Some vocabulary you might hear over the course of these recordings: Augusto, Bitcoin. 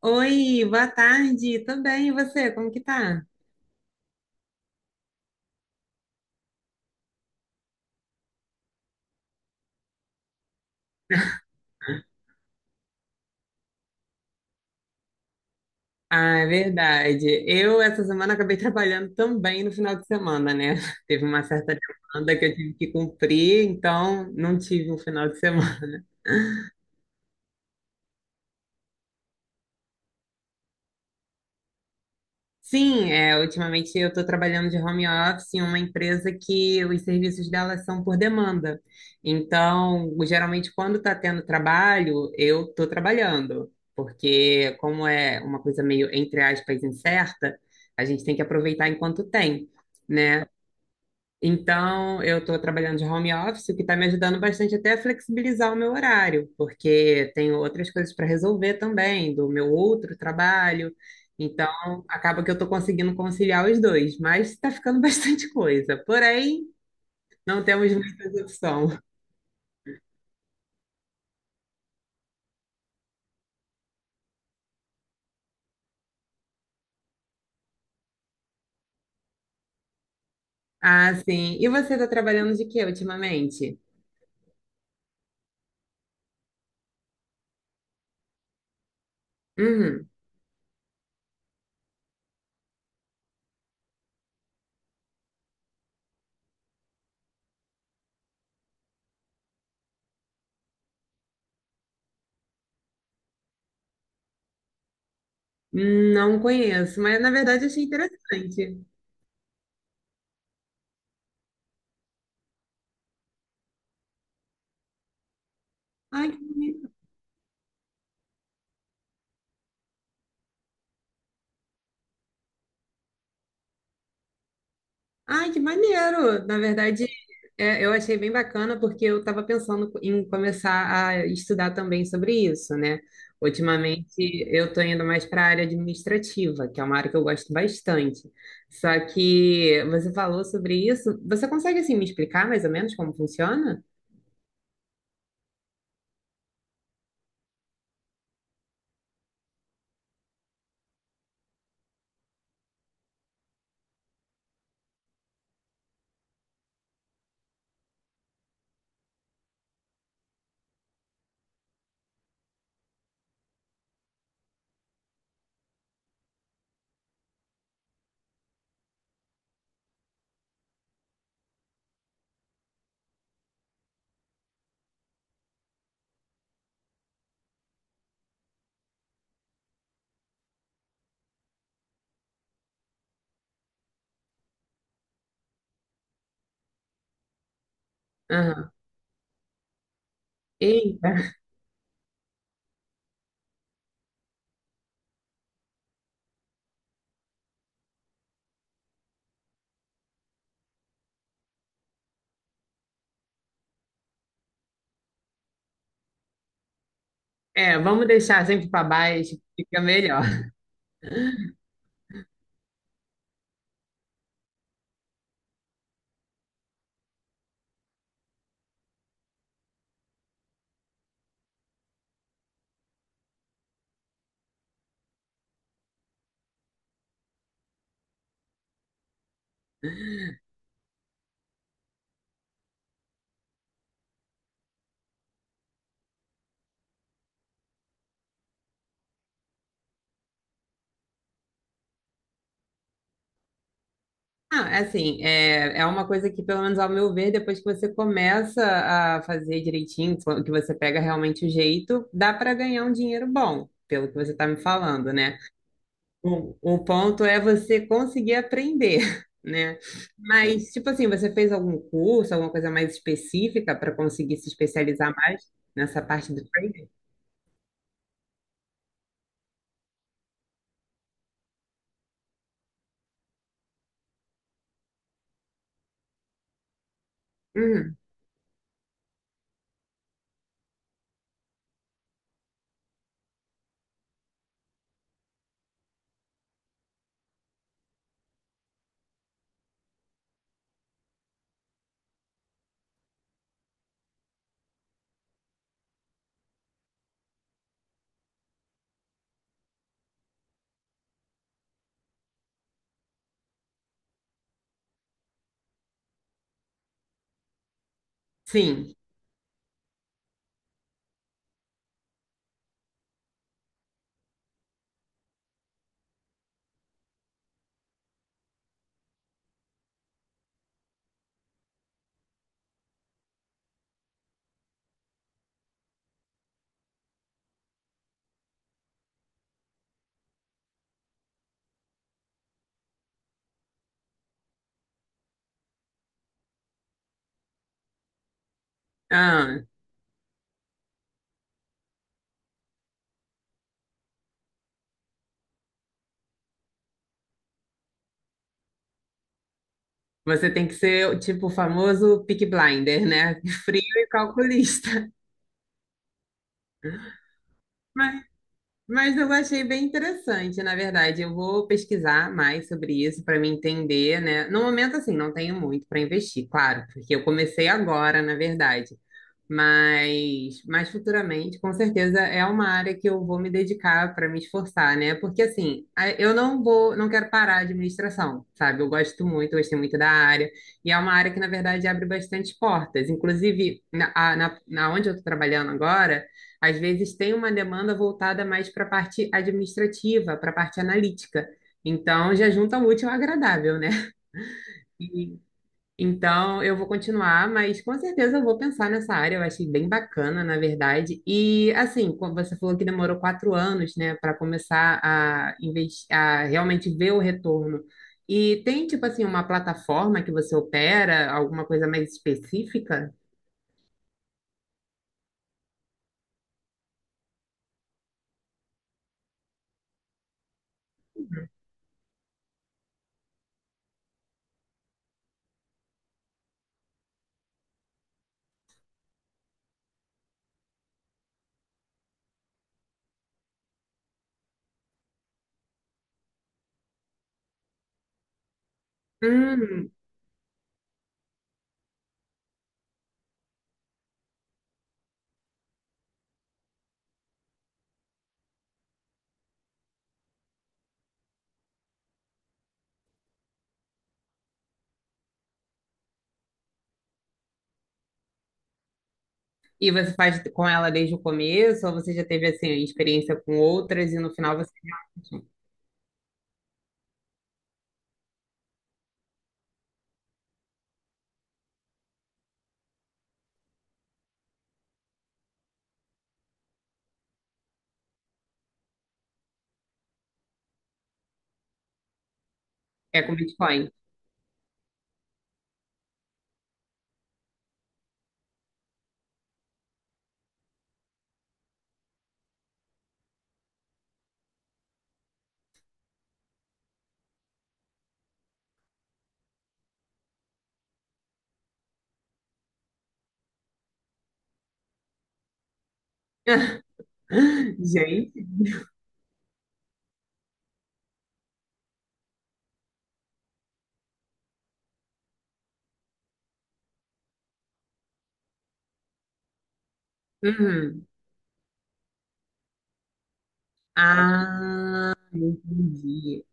Oi, boa tarde. Tô bem, e você? Como que tá? Ah, é verdade. Eu, essa semana, acabei trabalhando também no final de semana, né? Teve uma certa demanda que eu tive que cumprir, então não tive um final de semana. Sim, é, ultimamente eu estou trabalhando de home office em uma empresa que os serviços dela são por demanda. Então, geralmente, quando está tendo trabalho, eu estou trabalhando, porque como é uma coisa meio, entre aspas, incerta, a gente tem que aproveitar enquanto tem, né? Então, eu estou trabalhando de home office, o que está me ajudando bastante até a flexibilizar o meu horário, porque tenho outras coisas para resolver também, do meu outro trabalho. Então, acaba que eu estou conseguindo conciliar os dois, mas está ficando bastante coisa. Porém, não temos muita opção. Ah, sim. E você está trabalhando de quê ultimamente? Uhum. Não conheço, mas na verdade achei interessante. Ai, que bonito. Ai, que maneiro! Na verdade, eu achei bem bacana porque eu estava pensando em começar a estudar também sobre isso, né? Ultimamente, eu estou indo mais para a área administrativa, que é uma área que eu gosto bastante. Só que você falou sobre isso. Você consegue, assim, me explicar mais ou menos como funciona? Aham. Eita. É, vamos deixar sempre para baixo, fica melhor. Ah, assim, é uma coisa que, pelo menos ao meu ver, depois que você começa a fazer direitinho, que você pega realmente o jeito, dá para ganhar um dinheiro bom, pelo que você está me falando, né? O ponto é você conseguir aprender, né? Mas, tipo assim, você fez algum curso, alguma coisa mais específica para conseguir se especializar mais nessa parte do trading? Hum, sim. Ah, você tem que ser, tipo, o famoso pick Blinder, né? Frio e calculista. Mas eu achei bem interessante, na verdade. Eu vou pesquisar mais sobre isso para me entender, né? No momento, assim, não tenho muito para investir, claro, porque eu comecei agora, na verdade. Mas futuramente, com certeza, é uma área que eu vou me dedicar para me esforçar, né? Porque assim, a- eu não vou, não quero parar a administração, sabe? Eu gosto muito, eu gostei muito da área, e é uma área que, na verdade, abre bastante portas. Inclusive, na onde eu estou trabalhando agora. Às vezes tem uma demanda voltada mais para a parte administrativa, para a parte analítica. Então, já junta o útil ao agradável, né? E- então, eu vou continuar, mas com certeza eu vou pensar nessa área. Eu achei bem bacana, na verdade. E, assim, como você falou que demorou 4 anos, né, para começar a, inves- a realmente ver o retorno. E tem, tipo assim, uma plataforma que você opera, alguma coisa mais específica? Hum. E você faz com ela desde o começo, ou você já teve assim experiência com outras e no final você realmente é com Bitcoin? Gente. Uhum. Ah, entendi.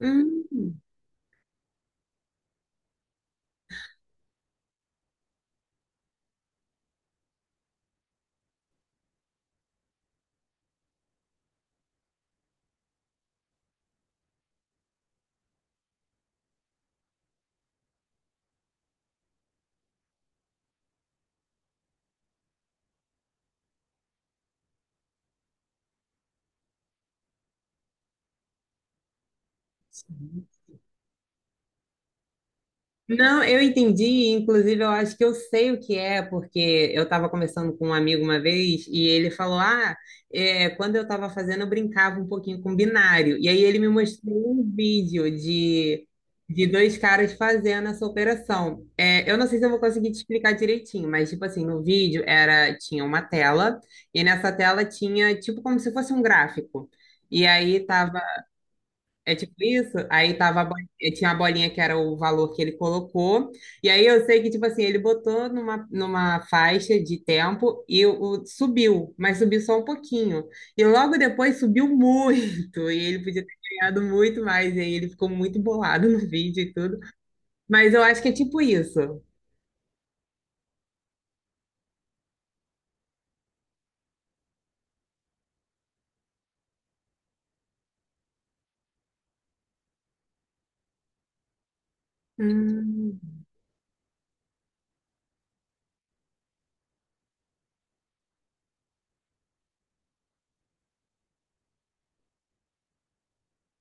Hum. Não, eu entendi, inclusive eu acho que eu sei o que é, porque eu estava conversando com um amigo uma vez e ele falou: Ah, é, quando eu estava fazendo, eu brincava um pouquinho com binário. E aí ele me mostrou um vídeo de dois caras fazendo essa operação. É, eu não sei se eu vou conseguir te explicar direitinho, mas tipo assim, no vídeo era, tinha uma tela, e nessa tela tinha tipo como se fosse um gráfico. E aí estava é tipo isso? Aí tava a bolinha, tinha a bolinha que era o valor que ele colocou. E aí eu sei que, tipo assim, ele botou numa, numa faixa de tempo e o, subiu, mas subiu só um pouquinho. E logo depois subiu muito. E ele podia ter ganhado muito mais. E aí ele ficou muito bolado no vídeo e tudo. Mas eu acho que é tipo isso. Hum,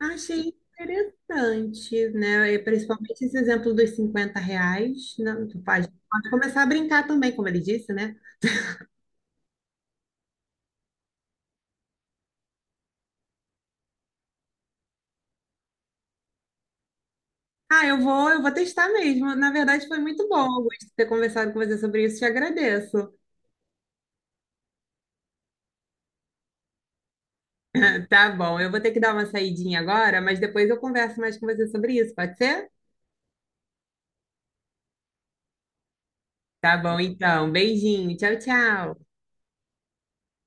achei interessante, né? E principalmente esse exemplo dos R$ 50. Não, tu pode, pode começar a brincar também, como ele disse, né? Ah, eu vou testar mesmo. Na verdade, foi muito bom, Augusto, ter conversado com você sobre isso. Te agradeço. Tá bom, eu vou ter que dar uma saidinha agora, mas depois eu converso mais com você sobre isso, pode ser? Tá bom, então. Beijinho. Tchau, tchau.